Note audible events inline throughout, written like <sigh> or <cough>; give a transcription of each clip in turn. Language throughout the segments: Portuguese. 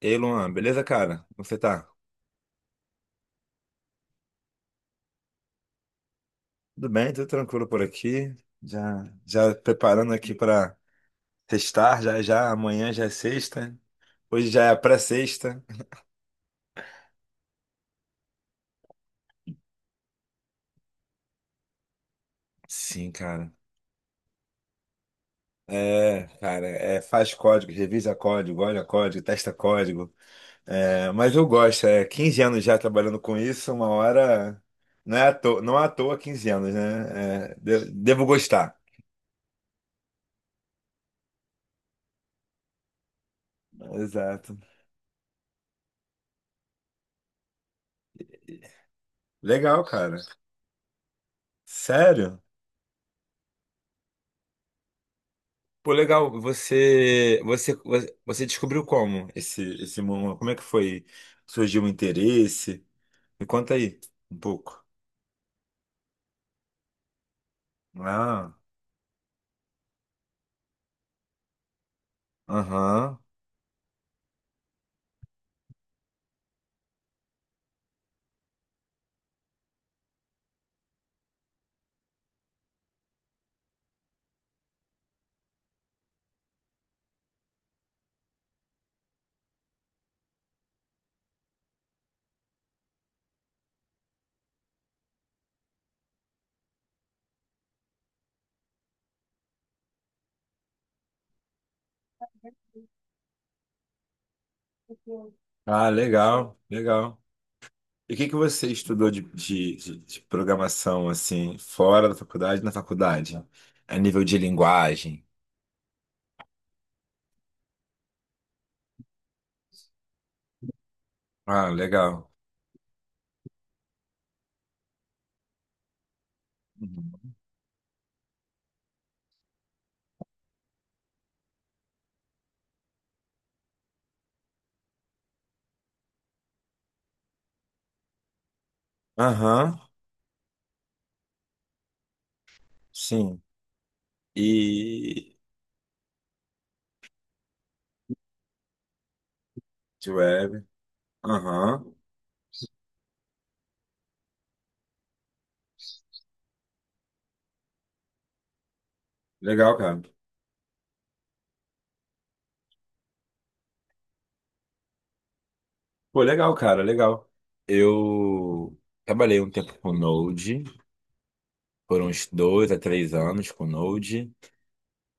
Ei, Luan, beleza, cara? Como você tá? Tudo bem, tudo tranquilo por aqui. Já preparando aqui para sextar, já, amanhã já é sexta. Hoje já é a pré-sexta. Sim, cara. É, cara, é, faz código, revisa código, olha código, testa código. É, mas eu gosto, é 15 anos já trabalhando com isso, uma hora. Não é à toa, não é à toa 15 anos, né? É, devo gostar. Exato. Legal, cara. Sério? Pô, legal. Você descobriu como esse mundo? Como é que foi? Surgiu o interesse? Me conta aí um pouco. Ah, aham. Ah, legal, legal. E o que que você estudou de programação, assim, fora da faculdade, na faculdade? A nível de linguagem. Ah, legal. Uhum. Aham, sim. E de web. Aham, legal, cara. Pô, legal, cara, legal. Eu trabalhei um tempo com Node, foram uns dois a três anos com Node,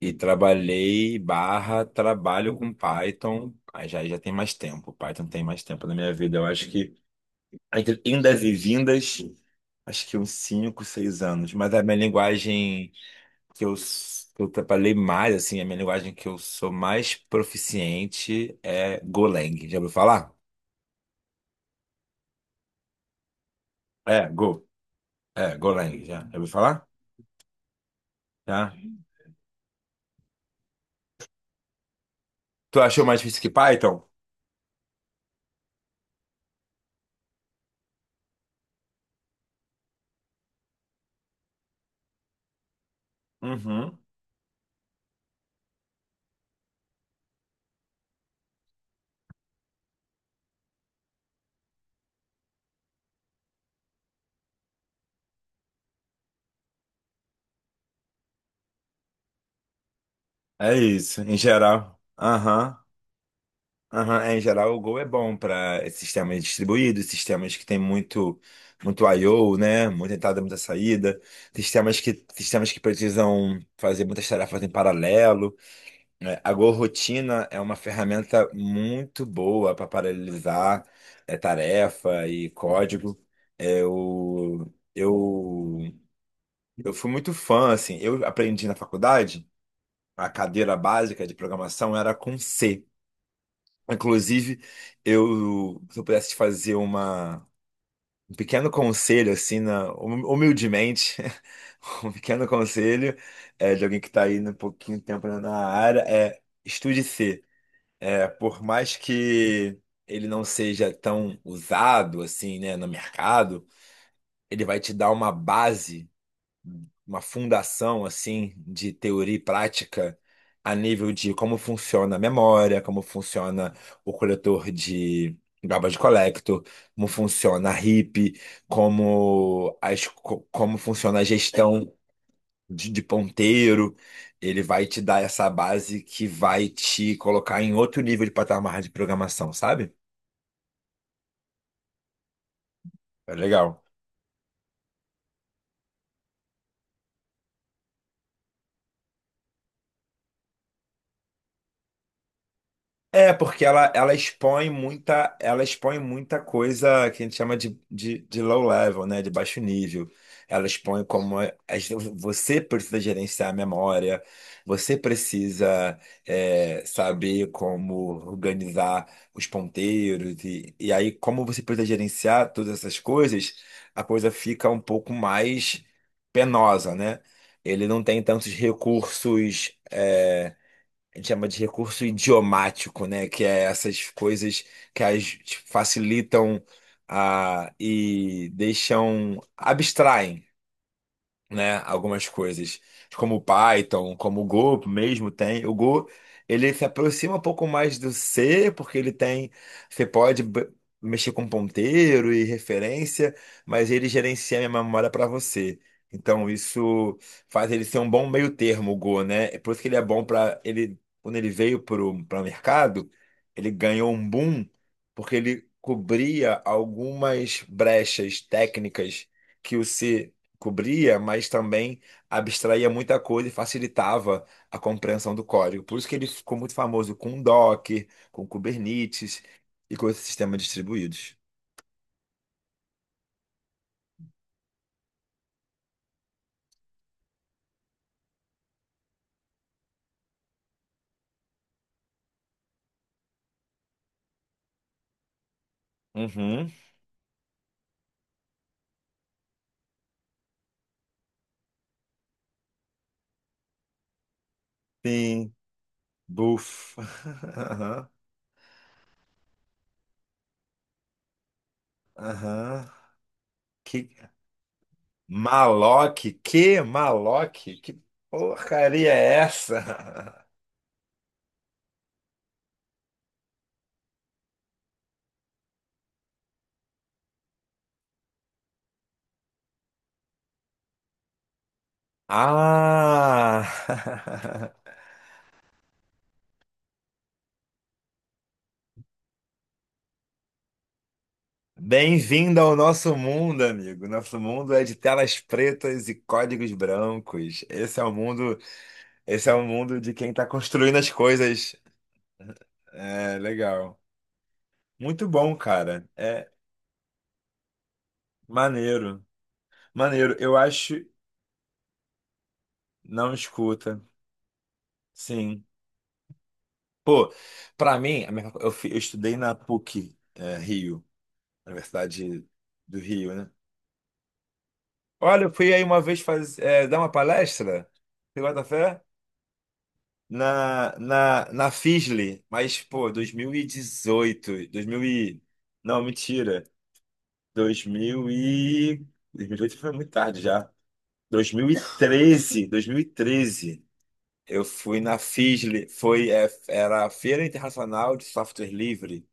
e trabalhei barra trabalho com Python. Aí já tem mais tempo. Python tem mais tempo na minha vida. Eu acho que entre indas e vindas, acho que uns cinco, seis anos. Mas a minha linguagem que eu trabalhei mais, assim, a minha linguagem que eu sou mais proficiente é Golang. Já ouviu falar? É, Go. É, Golang, já. Já ouviu falar? Tá? Tu achou mais difícil que Python? Uhum. É isso, em geral. Aham. Aham. É, em geral, o Go é bom para sistemas distribuídos, sistemas que tem muito I/O, né? Muita entrada, muita saída, sistemas que precisam fazer muitas tarefas em paralelo, né? A Go Rotina é uma ferramenta muito boa para paralelizar, é, tarefa e código. É, eu fui muito fã, assim, eu aprendi na faculdade, a cadeira básica de programação era com C. Inclusive, eu, se eu pudesse te fazer um pequeno conselho, assim, humildemente, <laughs> um pequeno conselho, é, de alguém que está aí um pouquinho de tempo na área, é estude C. É, por mais que ele não seja tão usado, assim, né, no mercado, ele vai te dar uma base, uma fundação, assim, de teoria e prática a nível de como funciona a memória, como funciona o coletor de garbage collector, como funciona a RIP, como funciona a gestão de ponteiro. Ele vai te dar essa base que vai te colocar em outro nível de patamar de programação, sabe? É legal. É, porque ela expõe muita coisa que a gente chama de low level, né? De baixo nível. Ela expõe você precisa gerenciar a memória, você precisa, é, saber como organizar os ponteiros, e, aí, como você precisa gerenciar todas essas coisas, a coisa fica um pouco mais penosa, né? Ele não tem tantos recursos, a gente chama de recurso idiomático, né? Que é essas coisas que, as tipo, facilitam, e deixam, abstraem, né, algumas coisas, como o Python, como o Go mesmo tem. O Go, ele se aproxima um pouco mais do C, porque ele tem, você pode mexer com ponteiro e referência, mas ele gerencia a memória para você. Então isso faz ele ser um bom meio termo, o Go, né? É por isso que ele é bom, para ele, quando ele veio para o mercado, ele ganhou um boom porque ele cobria algumas brechas técnicas que o C cobria, mas também abstraía muita coisa e facilitava a compreensão do código. Por isso que ele ficou muito famoso com Docker, com Kubernetes e com esses sistemas distribuídos. Uhum. Sim, buf. <laughs> Aham, aham. Que maloc, que maloc, que porcaria é essa? <laughs> Ah! <laughs> Bem-vindo ao nosso mundo, amigo. Nosso mundo é de telas pretas e códigos brancos. Esse é o mundo de quem está construindo as coisas. É legal. Muito bom, cara. É maneiro. Maneiro. Eu acho. Não escuta. Sim. Pô, pra mim, a minha- eu, fi- eu estudei na PUC, é, Rio, Universidade do Rio, né? Olha, eu fui aí uma vez, faz, é, dar uma palestra. Você bota fé? Na Fisley, mas, pô, 2018, não, mentira. 2000 e... 2018 foi muito tarde já. Dois dois mil mil e treze, 2013 eu fui na Fisley, foi, é, era a Feira Internacional de Software Livre.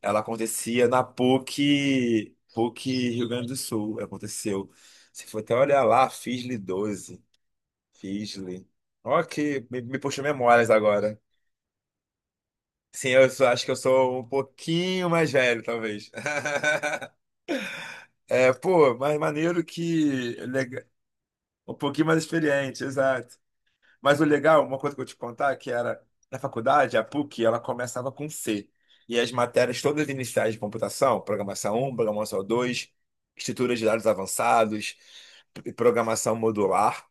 Ela acontecia na PUC, PUC Rio Grande do Sul, aconteceu. Se for até olhar lá, Fisley 12, Fisley. Ó, que me puxou memórias agora. Sim, eu só, acho que eu sou um pouquinho mais velho, talvez. <laughs> É, pô, mas maneiro que. Um pouquinho mais experiente, exato. Mas o legal, uma coisa que eu vou te contar, que era na faculdade, a PUC, ela começava com C. E as matérias todas iniciais de computação, programação um, programação dois, estrutura de dados avançados, programação modular.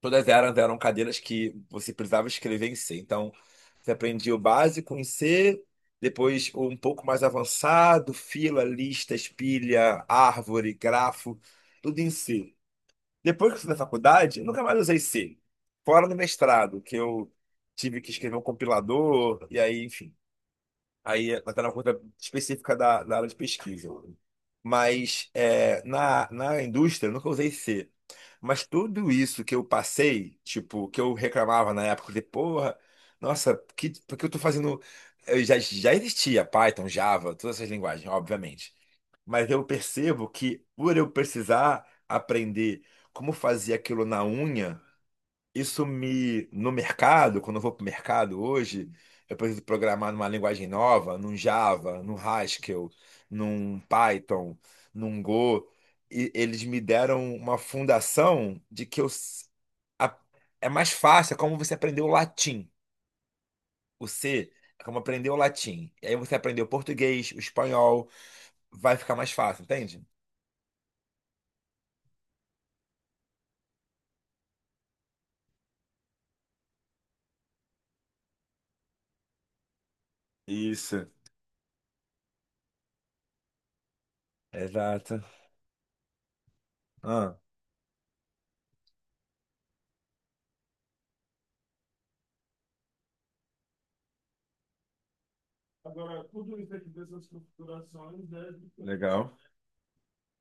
Todas elas eram cadeiras que você precisava escrever em C. Então, você aprendia o básico em C, depois um pouco mais avançado, fila, lista, espilha, árvore, grafo, tudo em C. Depois que eu fui na faculdade, eu nunca mais usei C. Fora no mestrado, que eu tive que escrever um compilador, e aí, enfim. Aí ela está na conta específica da área de pesquisa. Mas é, na indústria eu nunca usei C. Mas tudo isso que eu passei, tipo, que eu reclamava na época, de porra, nossa, que, por que eu tô fazendo. Já existia Python, Java, todas essas linguagens, obviamente. Mas eu percebo que por eu precisar aprender como fazer aquilo na unha, isso me, no mercado, quando eu vou para o mercado hoje, eu preciso programar numa linguagem nova, num Java, num Haskell, num Python, num Go, e eles me deram uma fundação de que a- é mais fácil, é como você aprendeu o latim. O C é como aprender o latim. E aí você aprendeu o português, o espanhol, vai ficar mais fácil, entende? Isso, exato. Ah, legal.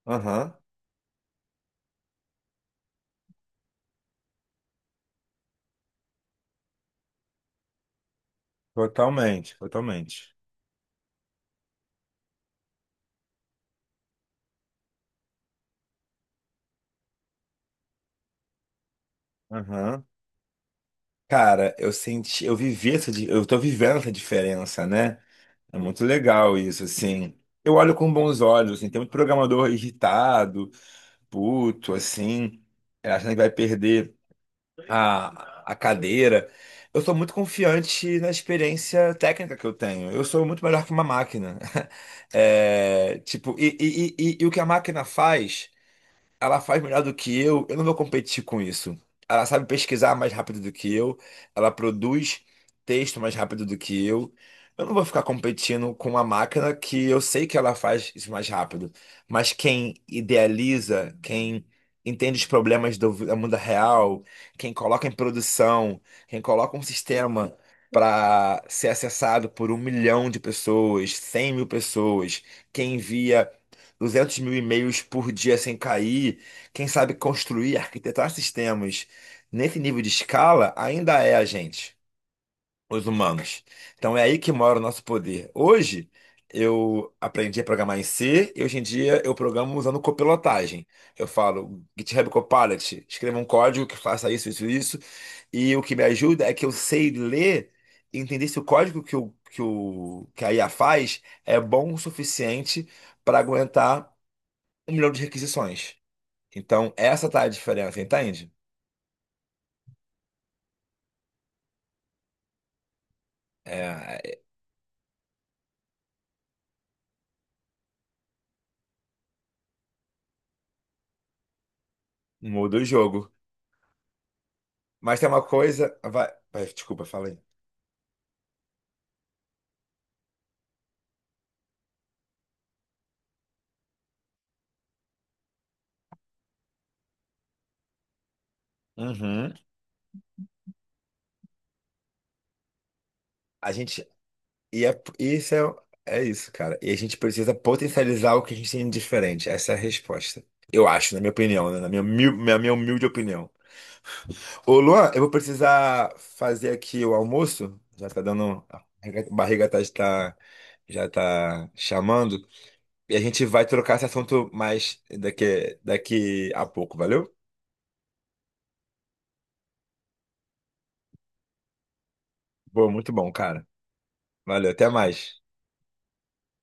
Aham, totalmente, totalmente. Aham. Cara, eu senti, eu vivi essa, eu tô vivendo essa diferença, né? É muito legal isso, assim. Eu olho com bons olhos, assim, tem muito programador irritado, puto, assim, achando que vai perder a cadeira. Eu sou muito confiante na experiência técnica que eu tenho. Eu sou muito melhor que uma máquina. <laughs> É, tipo, e o que a máquina faz? Ela faz melhor do que eu não vou competir com isso. Ela sabe pesquisar mais rápido do que eu, ela produz texto mais rápido do que eu. Eu não vou ficar competindo com uma máquina que eu sei que ela faz isso mais rápido. Mas quem idealiza, quem entende os problemas do mundo real, quem coloca em produção, quem coloca um sistema para ser acessado por 1 milhão de pessoas, 100 mil pessoas, quem envia 200 mil e-mails por dia sem cair, quem sabe construir, arquitetar sistemas nesse nível de escala, ainda é a gente, os humanos. Então é aí que mora o nosso poder. Hoje, eu aprendi a programar em C e hoje em dia eu programo usando copilotagem. Eu falo GitHub Copilot, escreva um código que faça isso, isso, isso. E o que me ajuda é que eu sei ler e entender se o código que a IA faz é bom o suficiente para aguentar 1 milhão de requisições. Então, essa tá a diferença, entende? É, muda o jogo. Mas tem uma coisa. Vai, vai, desculpa, falei. Uhum. A gente. E é, isso é, é isso, cara. E a gente precisa potencializar o que a gente tem de diferente. Essa é a resposta. Eu acho, na minha opinião, né? Na minha humilde opinião. Ô, Luan, eu vou precisar fazer aqui o almoço. Já tá dando. A barriga já tá chamando. E a gente vai trocar esse assunto mais daqui a pouco, valeu? Pô, muito bom, cara. Valeu, até mais.